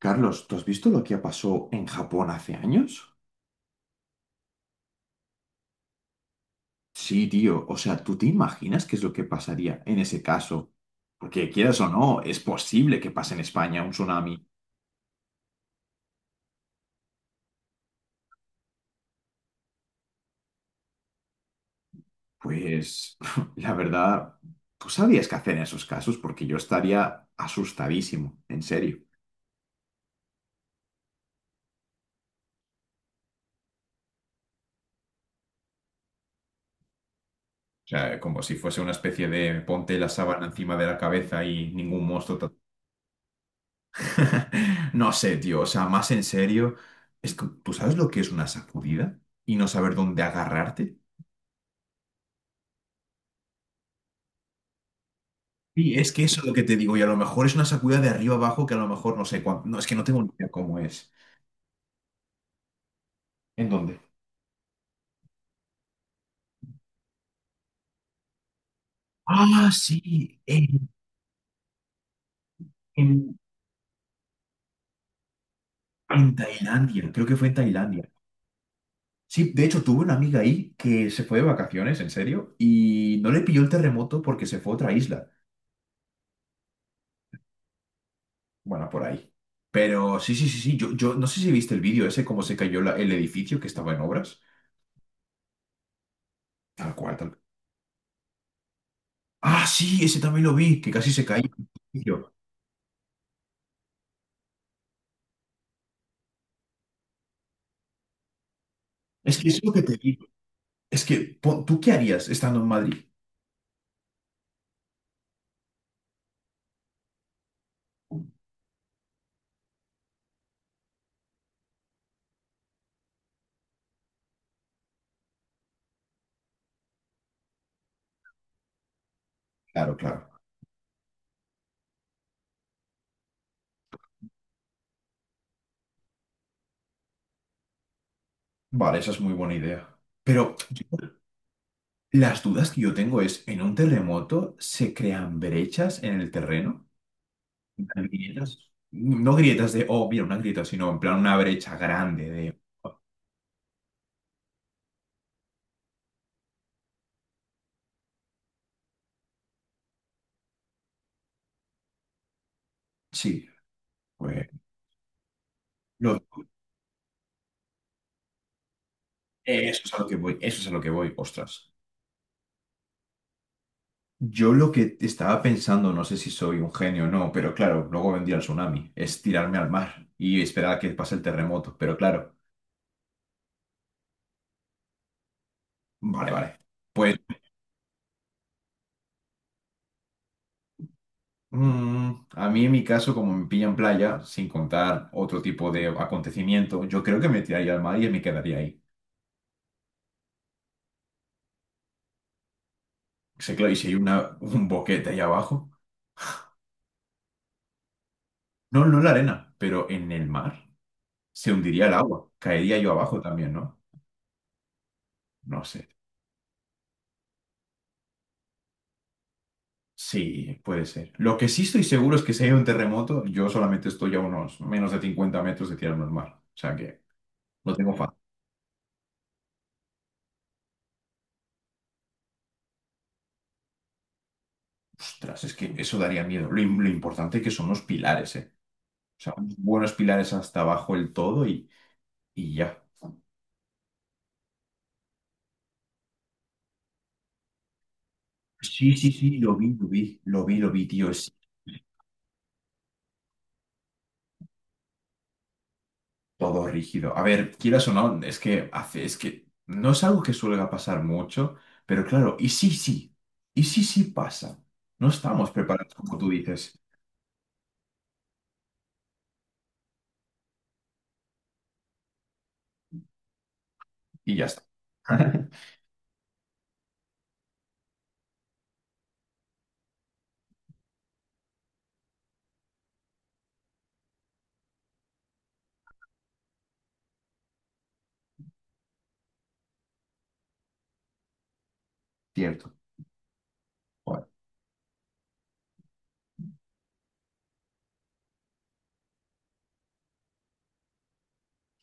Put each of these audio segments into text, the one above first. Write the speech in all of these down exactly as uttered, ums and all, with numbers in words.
Carlos, ¿tú has visto lo que pasó en Japón hace años? Sí, tío. O sea, ¿tú te imaginas qué es lo que pasaría en ese caso? Porque quieras o no, es posible que pase en España un tsunami. Pues, la verdad, tú sabías qué hacer en esos casos porque yo estaría asustadísimo, en serio. O sea, como si fuese una especie de ponte la sábana encima de la cabeza y ningún monstruo. te- No sé, tío, o sea, más en serio, es que, ¿tú sabes lo que es una sacudida? Y no saber dónde agarrarte. Sí, es que eso es lo que te digo, y a lo mejor es una sacudida de arriba abajo que a lo mejor no sé cuánto. No, es que no tengo ni idea cómo es. ¿En dónde? Ah, sí, en, en- en Tailandia, creo que fue en Tailandia. Sí, de hecho tuve una amiga ahí que se fue de vacaciones, en serio, y no le pilló el terremoto porque se fue a otra isla. Bueno, por ahí. Pero sí, sí, sí, sí, yo, yo no sé si viste el vídeo ese, cómo se cayó la- el edificio que estaba en obras. Tal cual, tal. Ah, sí, ese también lo vi, que casi se caía. El edificio. Es que es lo que te digo. Es que, pon- ¿tú qué harías estando en Madrid? Claro, claro. Vale, esa es muy buena idea. Pero yo- las dudas que yo tengo es, ¿en un terremoto se crean brechas en el terreno? ¿En plan grietas? No grietas de, oh, mira, una grieta, sino en plan una brecha grande de... Oh, sí, pues... lo- Eso es a lo que voy, eso es a lo que voy, ostras. Yo lo que estaba pensando, no sé si soy un genio o no, pero claro, luego vendría el tsunami, es tirarme al mar y esperar a que pase el terremoto, pero claro, vale, vale. Pues mm, a mí en mi caso, como me pillan playa, sin contar otro tipo de acontecimiento, yo creo que me tiraría al mar y me quedaría ahí. Sé claro, y si hay una, un boquete ahí abajo, no, no en la arena, pero en el mar, se hundiría el agua, caería yo abajo también, ¿no? No sé. Sí, puede ser. Lo que sí estoy seguro es que si hay un terremoto, yo solamente estoy a unos menos de cincuenta metros de tirarme al mar. O sea que lo tengo fácil. Ostras, es que eso daría miedo. Lo, im- lo importante que son los pilares, ¿eh? O sea, unos buenos pilares hasta abajo del todo y, y ya. Sí, sí, sí, lo vi, lo vi, lo vi, lo vi, tío, es todo rígido. A ver, quieras o no, es que hace, es que no es algo que suele pasar mucho, pero claro, y sí, sí, y sí, sí pasa. No estamos preparados, como tú dices, y ya está. Cierto. Bueno,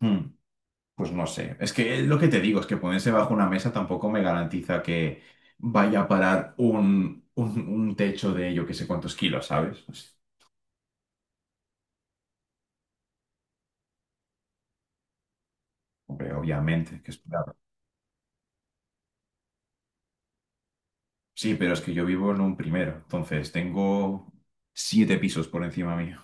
hmm, pues no sé. Es que lo que te digo es que ponerse bajo una mesa tampoco me garantiza que vaya a parar un, un, un techo de yo que sé cuántos kilos, ¿sabes? Pues hombre, obviamente, que es claro. Sí, pero es que yo vivo en un primero, entonces tengo siete pisos por encima mío.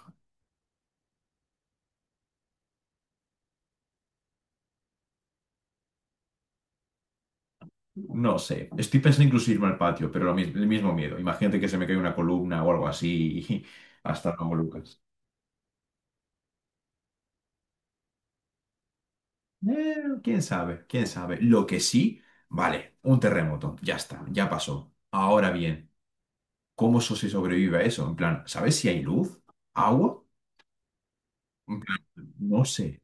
No sé, estoy pensando incluso irme al patio, pero lo mis- el mismo miedo. Imagínate que se me cae una columna o algo así y hasta luego, Lucas. Eh, quién sabe, quién sabe. Lo que sí, vale, un terremoto, ya está, ya pasó. Ahora bien, ¿cómo eso se sobrevive a eso? En plan, ¿sabes si hay luz? ¿Agua? En plan, no sé.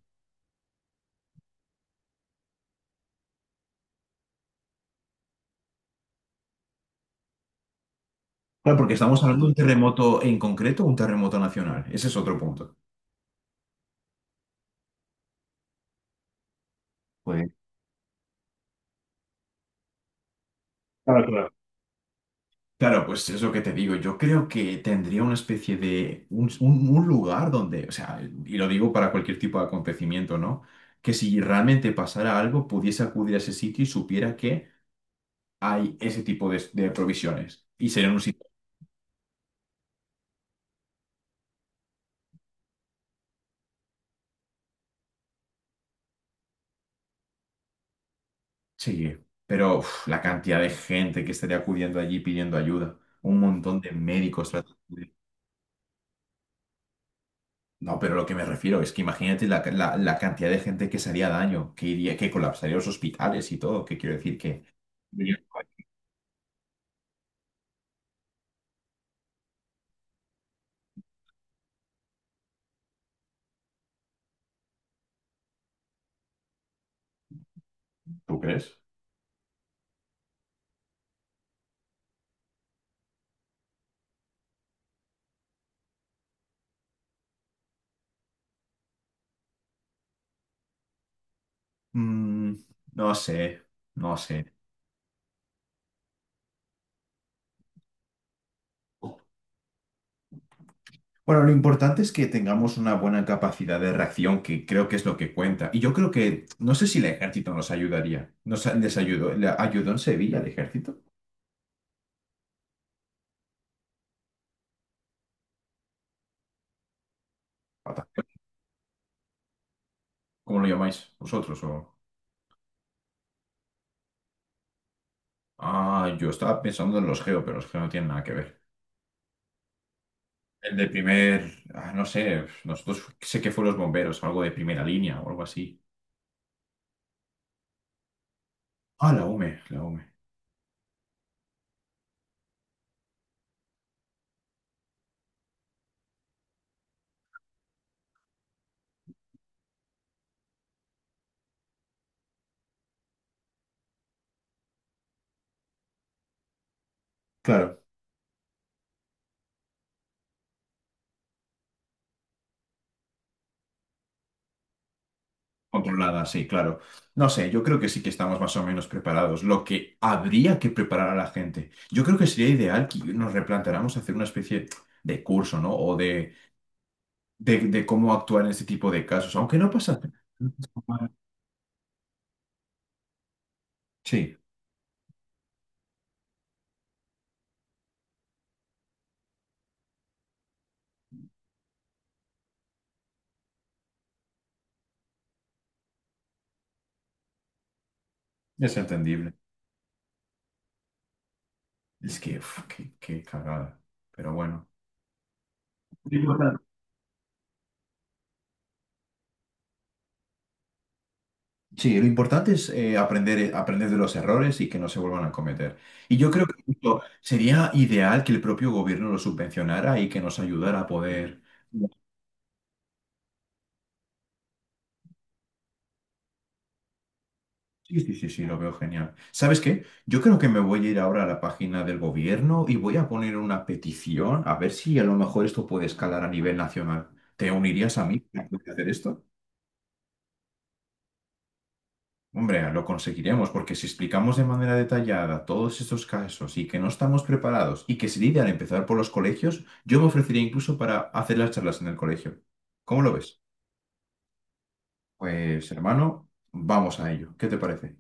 Claro, porque estamos hablando de un terremoto en concreto o un terremoto nacional. Ese es otro punto. Pues, claro, claro. Claro, pues es lo que te digo. Yo creo que tendría una especie de un, un- un lugar donde, o sea, y lo digo para cualquier tipo de acontecimiento, ¿no? Que si realmente pasara algo, pudiese acudir a ese sitio y supiera que hay ese tipo de, de provisiones. Y sería un sitio. Sí, pero uf, la cantidad de gente que estaría acudiendo allí pidiendo ayuda. Un montón de médicos tratando de- No, pero lo que me refiero es que imagínate la, la- la cantidad de gente que se haría daño, que iría, que colapsaría los hospitales y todo. ¿Qué quiero decir? Que ¿tú crees? Mm, no sé, no sé. Bueno, lo importante es que tengamos una buena capacidad de reacción, que creo que es lo que cuenta. Y yo creo que, no sé si el ejército nos ayudaría. Nos les ayudó, ¿le ayudó en Sevilla el ejército? Ataque. ¿Cómo lo llamáis vosotros? O... Ah, yo estaba pensando en los geo, pero los geo no tienen nada que ver. El de primer, ah, no sé, nosotros sé que fue los bomberos, algo de primera línea o algo así. Ah, la UME, la UME. Claro. Controlada, sí, claro. No sé, yo creo que sí que estamos más o menos preparados. Lo que habría que preparar a la gente. Yo creo que sería ideal que nos replanteáramos hacer una especie de curso, ¿no? O de, de, de cómo actuar en este tipo de casos, aunque no pasa nada. Sí, es entendible. Es que, uf, qué, qué cagada. Pero bueno. Sí, lo importante es eh, aprender, eh, aprender de los errores y que no se vuelvan a cometer. Y yo creo que justo sería ideal que el propio gobierno lo subvencionara y que nos ayudara a poder... Sí, sí, sí, sí, lo veo genial. ¿Sabes qué? Yo creo que me voy a ir ahora a la página del gobierno y voy a poner una petición a ver si a lo mejor esto puede escalar a nivel nacional. ¿Te unirías a mí para poder hacer esto? Hombre, lo conseguiremos porque si explicamos de manera detallada todos estos casos y que no estamos preparados y que se lidia al empezar por los colegios, yo me ofrecería incluso para hacer las charlas en el colegio. ¿Cómo lo ves? Pues hermano, vamos a ello. ¿Qué te parece?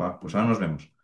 Va, pues ahora nos vemos.